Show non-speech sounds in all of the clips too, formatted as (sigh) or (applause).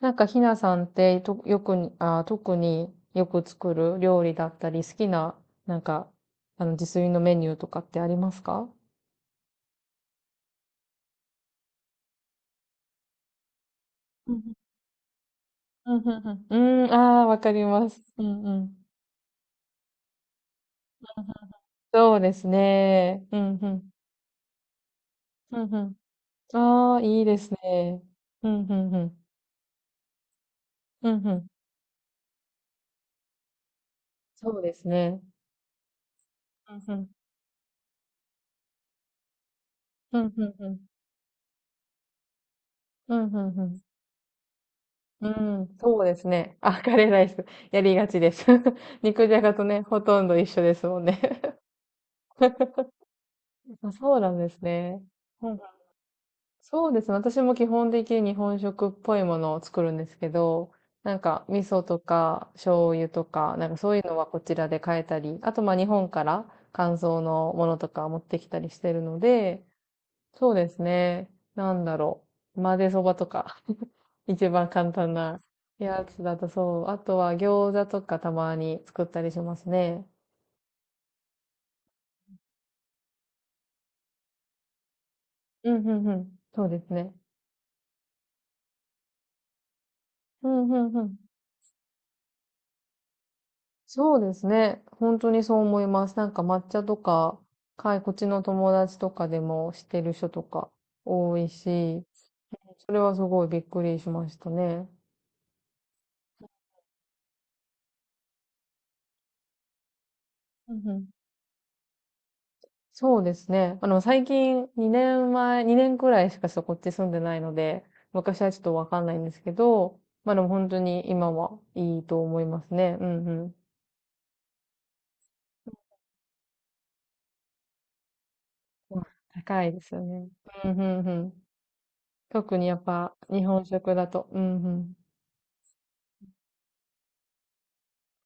なんかひなさんってとよくに、特によく作る料理だったり、好きな、なんか、自炊のメニューとかってありますか？うんうんうんうん。うん、ああ、わかります。うんうん。そうですね。うんうん。うんうん。ああ、いいですね。うんうんうん。うんうん。そうですね。うんうん。うんうんうん。うんうんうん。うん、そうですね。あ、カレーライス。やりがちです。(laughs) 肉じゃがとね、ほとんど一緒ですもんね。 (laughs) あ、そうなんですね。うん、そうですね。私も基本的に日本食っぽいものを作るんですけど、なんか味噌とか醤油とか、なんかそういうのはこちらで買えたり、あとまあ日本から乾燥のものとか持ってきたりしてるので、そうですね。なんだろう。混ぜそばとか、(laughs) 一番簡単なやつだとそう。あとは餃子とかたまに作ったりしますね。うん、うん、うん。そうですね。うん、うん、うん。そうですね。本当にそう思います。なんか抹茶とか、はい、こっちの友達とかでも知ってる人とか多いし、それはすごいびっくりしましたね。うんうん、そうですね。最近2年前、2年くらいしかそこっち住んでないので、昔はちょっとわかんないんですけど、まあでも本当に今はいいと思いますね。うんうん。まあ高いですよね。うんうんうん。特にやっぱ日本食だと。うんうん。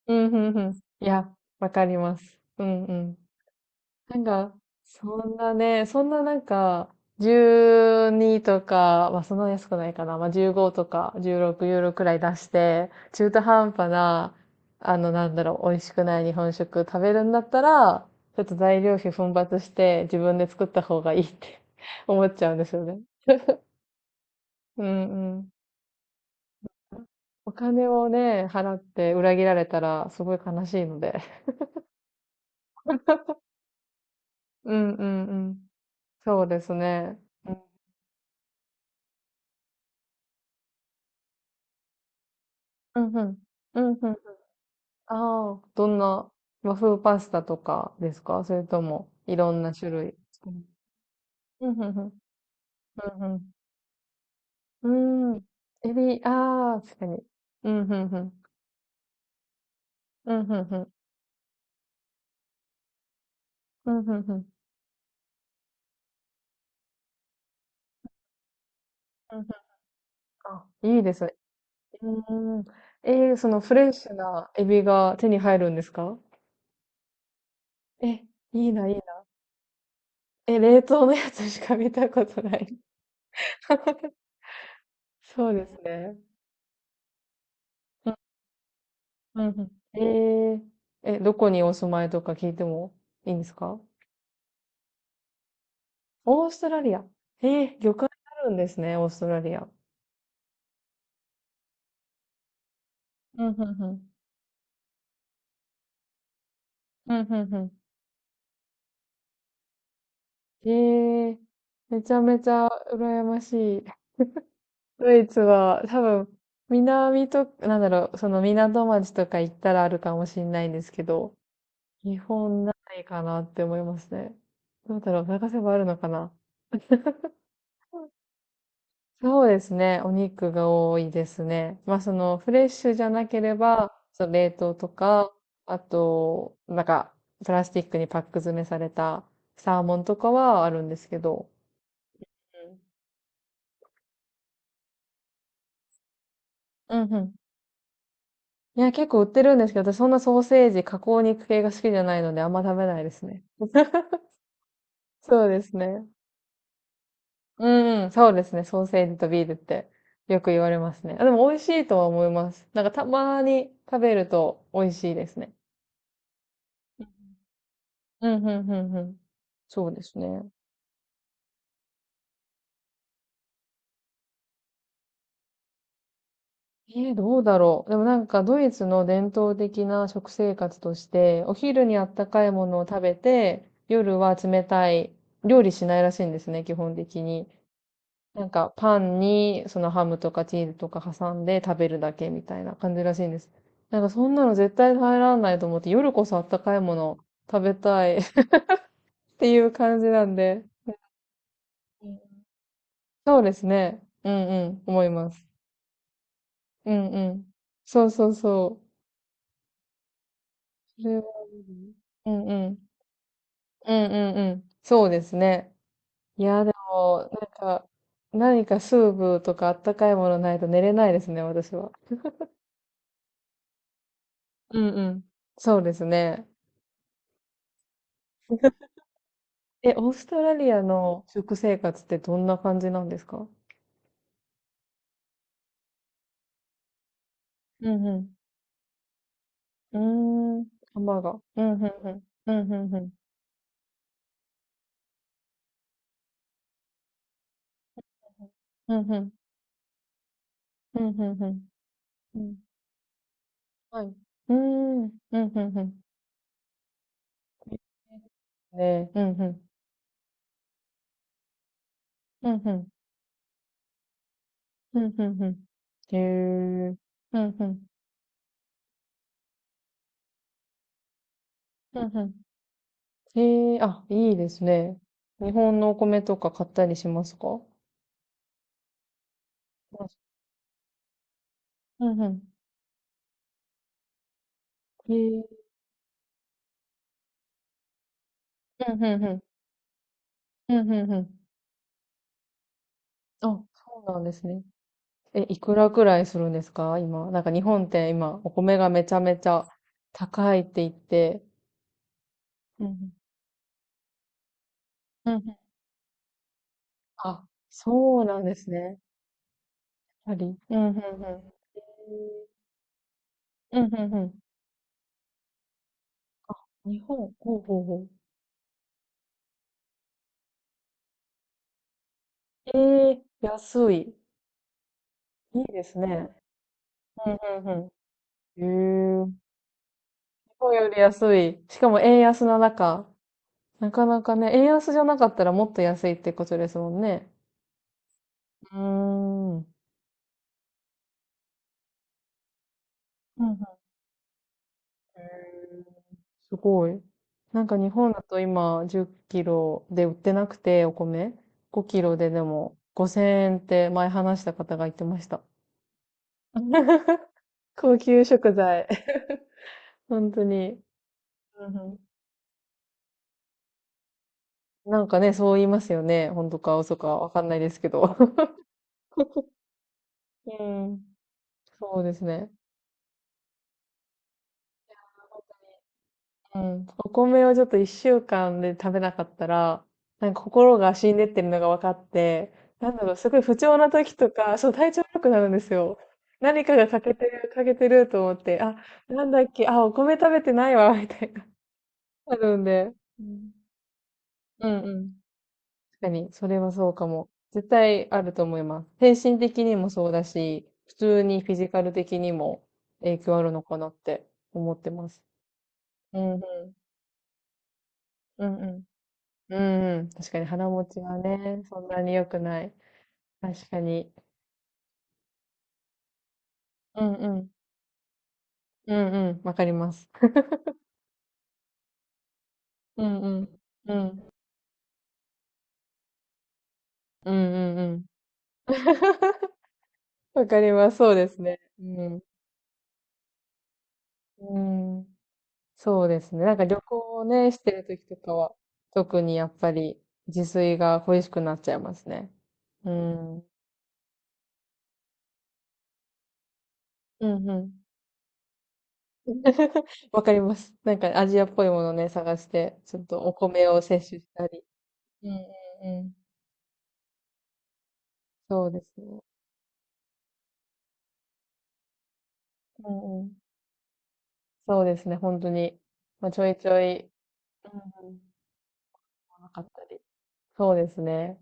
うん、うん、うん。いや、わかります。うん、うん。なんか、そんなね、そんななんか、12とか、まあそんな安くないかな。まあ15とか16ユーロくらい出して、中途半端な、なんだろう、美味しくない日本食食べるんだったら、ちょっと材料費奮発して自分で作った方がいいって (laughs) 思っちゃうんですよね。うん、うん。お金をね、払って裏切られたらすごい悲しいので。うん、うん、うん。そうですね。うん、うん、うん、うん。ああー、どんな和風パスタとかですか？それとも、いろんな種類作る？うん、うん、うん、うん。うん。エビ、ああ、確かに。うん、うん、うん。うん、うん、うん。うん、うん、うん。うんうん、あ、いいですね。うん。えー、そのフレッシュなエビが手に入るんですか？え、いいな、いいな。え、冷凍のやつしか見たことない。(laughs) そうですね。うんうん。え、え、え、どこにお住まいとか聞いてもいいんですか？オーストラリア。えー、魚介あるんですね、オーストラリア。うんうんうん。うんうんうん。えー、めちゃめちゃ羨ましい。ドイツは多分、南と、なんだろう、その港町とか行ったらあるかもしれないんですけど、日本ないかなって思いますね。どうだろう、探せばあるのかな？そうですね。お肉が多いですね。まあ、その、フレッシュじゃなければ、その冷凍とか、あと、なんか、プラスチックにパック詰めされたサーモンとかはあるんですけど。うん。うんうん。いや、結構売ってるんですけど、私そんなソーセージ、加工肉系が好きじゃないので、あんま食べないですね。そうですね。うんうん、そうですね。ソーセージとビールってよく言われますね。あ、でも美味しいとは思います。なんかたまに食べると美味しいですね。うん、うん、うん、うん。そうですね。えー、どうだろう。でもなんかドイツの伝統的な食生活として、お昼にあったかいものを食べて、夜は冷たい、料理しないらしいんですね、基本的に。なんかパンにそのハムとかチーズとか挟んで食べるだけみたいな感じらしいんです。なんかそんなの絶対入らないと思って、夜こそあったかいものを食べたい (laughs) っていう感じなんで。うん、そうですね。うんうん、思います。うんうん。そうそうそう。それは、うんうん。うんうんうん。そうですね。いや、でも、なんか、何かスープとかあったかいものないと寝れないですね、私は。うんうん。そうですね。え、オーストラリアの食生活ってどんな感じなんですか？うんうん。うーん。ハンバーガー。うんうんうん。うんうんうん。うんうん。うんうんうん。うん、はい。うーん。うんうんうん。ね。うんうん。ふんふん。ふんふんふん。へえ。ふんふん。ふんふん。へえ、あ、いいですね。日本のお米とか買ったりしますか？うんうん、へえ。うんうんうん。うんうんうん。あ、そうなんですね。え、いくらくらいするんですか今？なんか日本って今、お米がめちゃめちゃ高いって言って。うんうん。うんうん。あ、そうなんですね。やはり。うんうんうん。うんうんうん。日本、ほうほうほう。ええ、安い。いいですね。うんうんうん。へえ。日本より安い。しかも円安な中。なかなかね、円安じゃなかったらもっと安いってことですもんね。うーん。うんうん。へえ、すごい。なんか日本だと今10キロで売ってなくて、お米。5キロででも5000円って前話した方が言ってました。(laughs) 高級食材。本当に。うんうん、なんかね、そう言いますよね。本当か嘘かわかんないですけど。(laughs) うん。そうですね。うん。お米をちょっと1週間で食べなかったら、なんか心が死んでってるのが分かって、なんだろう、すごい不調な時とか、そう、体調悪くなるんですよ。何かが欠けてる、欠けてると思って、あ、なんだっけ、あ、お米食べてないわ、みたいな。(laughs) なるんで。うん。うんうん。確かに、それはそうかも。絶対あると思います。精神的にもそうだし、普通にフィジカル的にも影響あるのかなって思ってます。うんうん。うんうん。うんうん。確かに腹持ちはね、そんなに良くない。確かに。うんうん。うんうん。わかります。うんうん。うん。うんうんうん。(laughs) わかります。そうですね。うん。うん。そうですね。なんか旅行をね、してる時とかは、特にやっぱり自炊が恋しくなっちゃいますね。うん。うんうん。(laughs) わかります。なんかアジアっぽいものね、探して、ちょっとお米を摂取したり。うんうんうん。そうですね。うんうん。そうですね、本当に。まあ、ちょいちょい、うんうん。なかったり。そうですね。